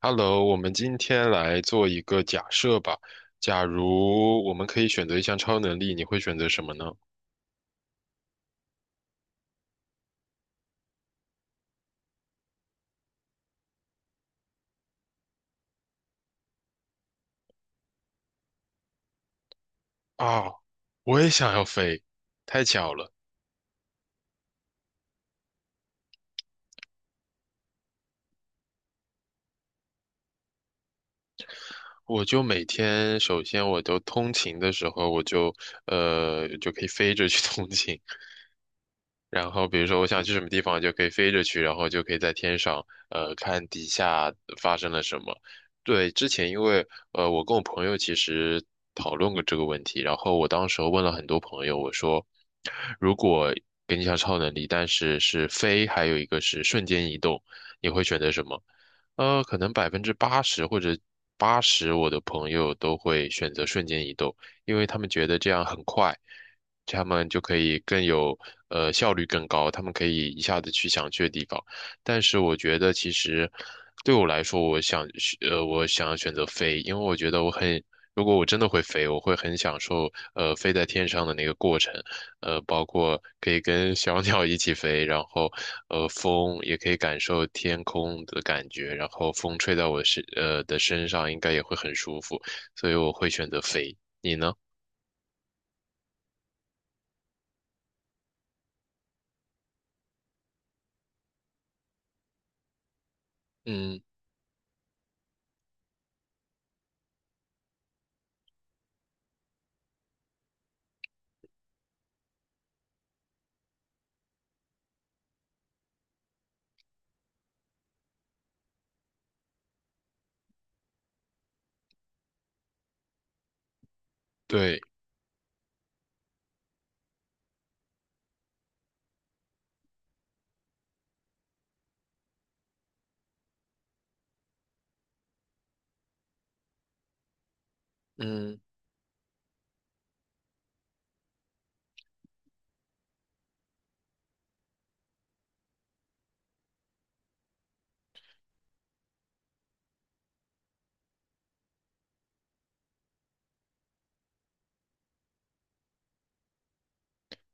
Hello，我们今天来做一个假设吧。假如我们可以选择一项超能力，你会选择什么呢？啊，我也想要飞，太巧了。我就每天，首先我都通勤的时候，我就可以飞着去 通勤。然后比如说我想去什么地方，就可以飞着去，然后就可以在天上，看底下发生了什么。对，之前因为我跟我朋友其实讨论过这个问题，然后我当时候问了很多朋友，我说，如果给你一项超能力，但是是飞，还有一个是瞬间移动，你会选择什么？可能百分之八十或者八十我的朋友都会选择瞬间移动，因为他们觉得这样很快。他们就可以更有呃效率更高，他们可以一下子去想去的地方。但是我觉得其实对我来说，我想要选择飞，因为我觉得我很。如果我真的会飞，我会很享受，飞在天上的那个过程，包括可以跟小 鸟一起飞，然后，风也可以感受天空的感觉，然后风吹在我身上，应该也会很舒服，所以我会选择飞。你呢？嗯，对，嗯。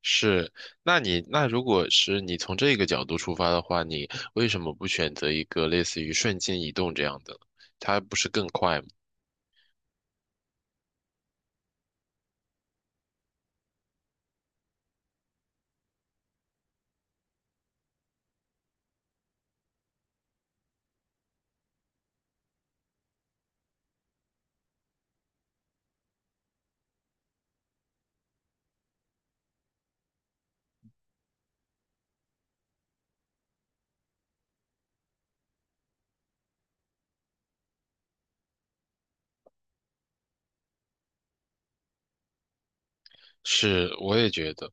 是，那你那如果是你从这个角度出发的话，你为什么不选择一个类似于瞬间移动这样的呢？它不是更快吗？是，我也觉得，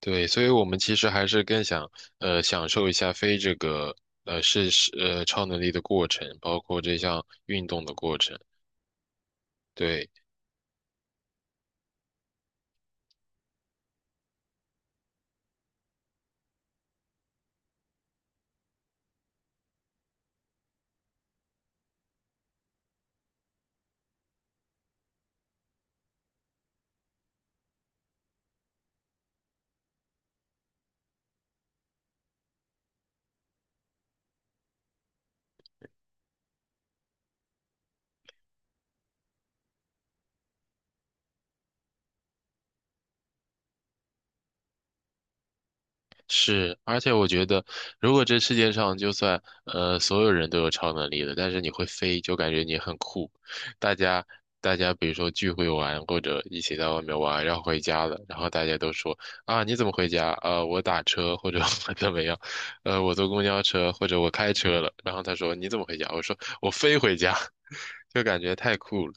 对，所以我们其实还是更想享受一下飞这个超能力的过程，包括这项运动的过程。对，是，而且我觉得，如果这世界上就算所有人都有超能力的，但是你会飞，就感觉你很酷。大家大家比如说聚会玩，或者一起在外面玩，然后回家了，然后大家都说啊你怎么回家？我打车或者 我怎么样？我坐公交车或者我开车了。然后他说你怎么回家？我说我飞回家，就感觉太酷了。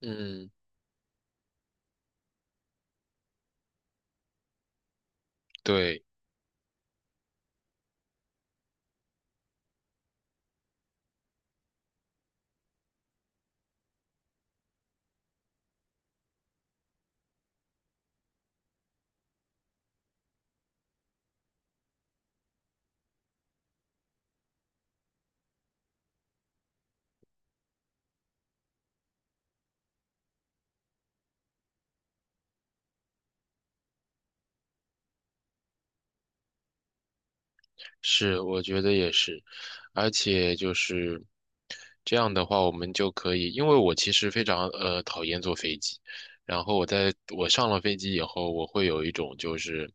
嗯，对。是，我觉得也是，而且就是这样的话，我们就可以，因为我其实非常讨厌坐飞机，然后我在我上了飞机以后，我会有一种就是，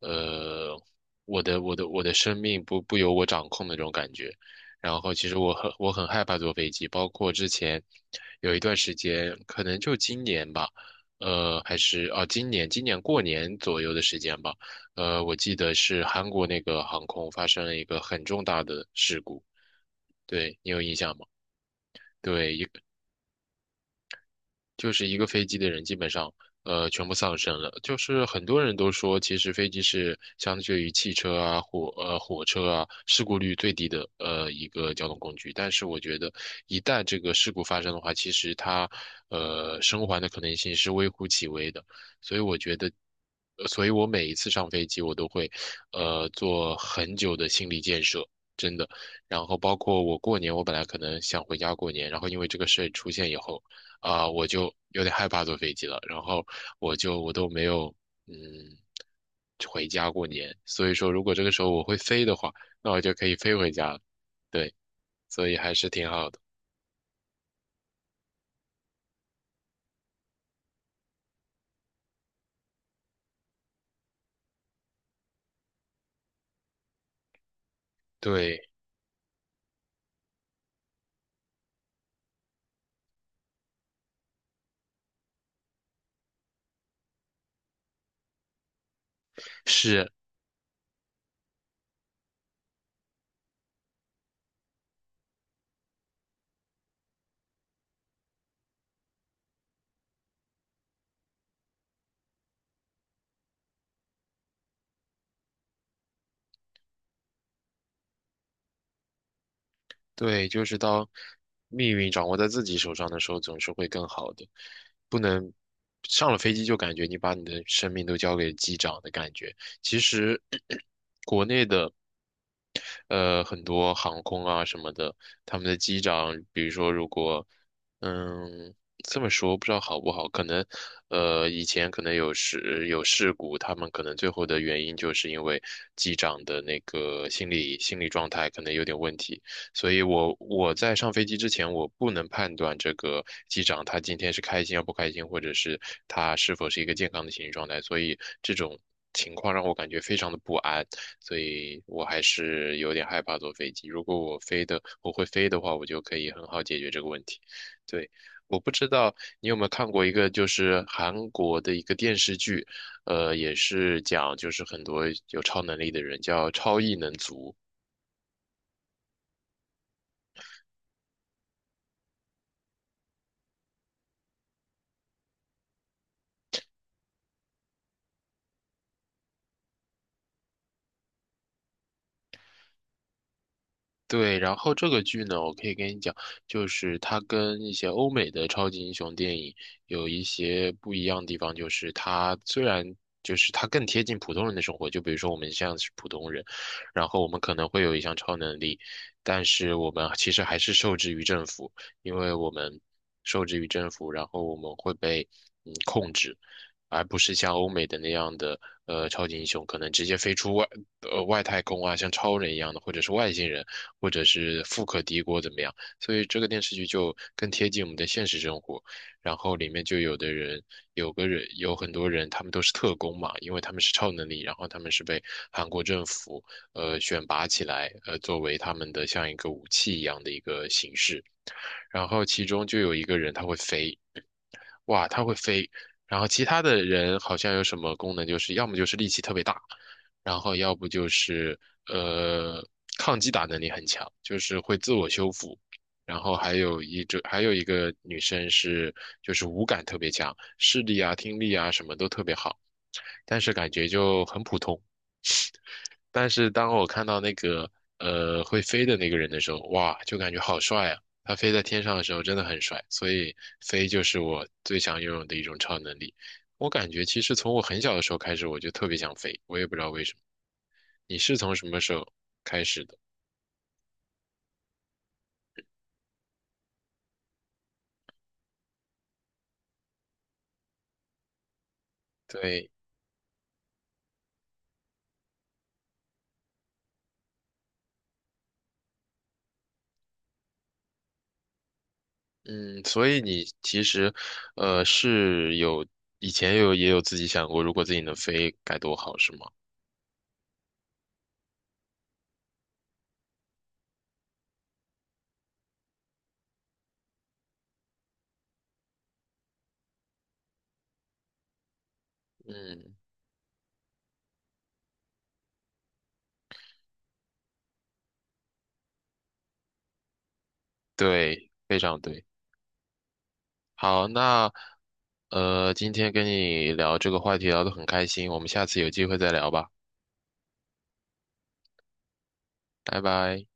呃，我的生命不由我掌控的那种感觉，然后其实我很害怕坐飞机，包括之前有一段时间，可能就今年吧，呃，还是啊今年过年左右的时间吧。我记得是韩国那个航空发生了一个很重大的事故，对，你有印象吗？对，就是一个飞机的人基本上，全部丧生了。就是很多人都说，其实飞机是相对于汽车啊、火车啊，事故率最低的一个交通工具。但是我觉得，一旦这个事故发生的话，其实它生还的可能性是微乎其微的。所以我觉得，所以我每一次上飞机，我都会做很久的心理建设。真的，然后包括我过年，我本来可能想回家过年，然后因为这个事出现以后，我就有点害怕坐飞机了，然后我就我都没有嗯回家过年，所以说如果这个时候我会飞的话，那我就可以飞回家了，对，所以还是挺好的，对，是，对，就是当命运掌握在自己手上的时候，总是会更好的，不能上了飞机就感觉你把你的生命都交给机长的感觉，其实 国内的。很多航空啊什么的，他们的机长，比如说如果，嗯，这么说不知道好不好，可能，以前可能有事故，他们可能最后的原因就是因为机长的那个心理状态可能有点问题，所以我在上飞机之前，我不能判断这个机长他今天是开心要不开心，或者是他是否是一个健康的心理状态，所以这种情况让我感觉非常的不安。所以我还是有点害怕坐飞机。如果我飞的，我会飞的话，我就可以很好解决这个问题。对，我不知道你有没有看过一个就是韩国的一个电视剧，也是讲就是很多有超能力的人叫超异能族。对，然后这个剧呢，我可以跟你讲，就是它跟一些欧美的超级英雄电影有一些不一样的地方，就是它虽然就是它更贴近普通人的生活，就比如说我们像是普通人，然后我们可能会有一项超能力，但是我们其实还是受制于政府，因为我们受制于政府，然后我们会被控制。而不是像欧美的那样的，超级英雄可能直接飞出外太空啊，像超人一样的，或者是外星人，或者是富可敌国怎么样？所以这个电视剧就更贴近我们的现实生活。然后里面就有的人，有个人，有很多人，他们都是特工嘛，因为他们是超能力，然后他们是被韩国政府选拔起来，作为他们的像一个武器一样的一个形式。然后其中就有一个人他会飞，哇，他会飞，然后其他的人好像有什么功能，就是要么就是力气特别大，然后要不就是呃抗击打能力很强，就是会自我修复，然后还有一种还有一个女生是就是五感特别强，视力啊、听力啊什么都特别好，但是感觉就很普通。但是当我看到那个会飞的那个人的时候，哇，就感觉好帅啊！他飞在天上的时候真的很帅，所以飞就是我最想拥有的一种超能力。我感觉其实从我很小的时候开始，我就特别想飞，我也不知道为什么。你是从什么时候开始的？对，嗯，所以你其实，是有以前有也有自己想过，如果自己能飞该多好，是吗？嗯，对，非常对。好，那今天跟你聊这个话题聊得很开心，我们下次有机会再聊吧，拜拜。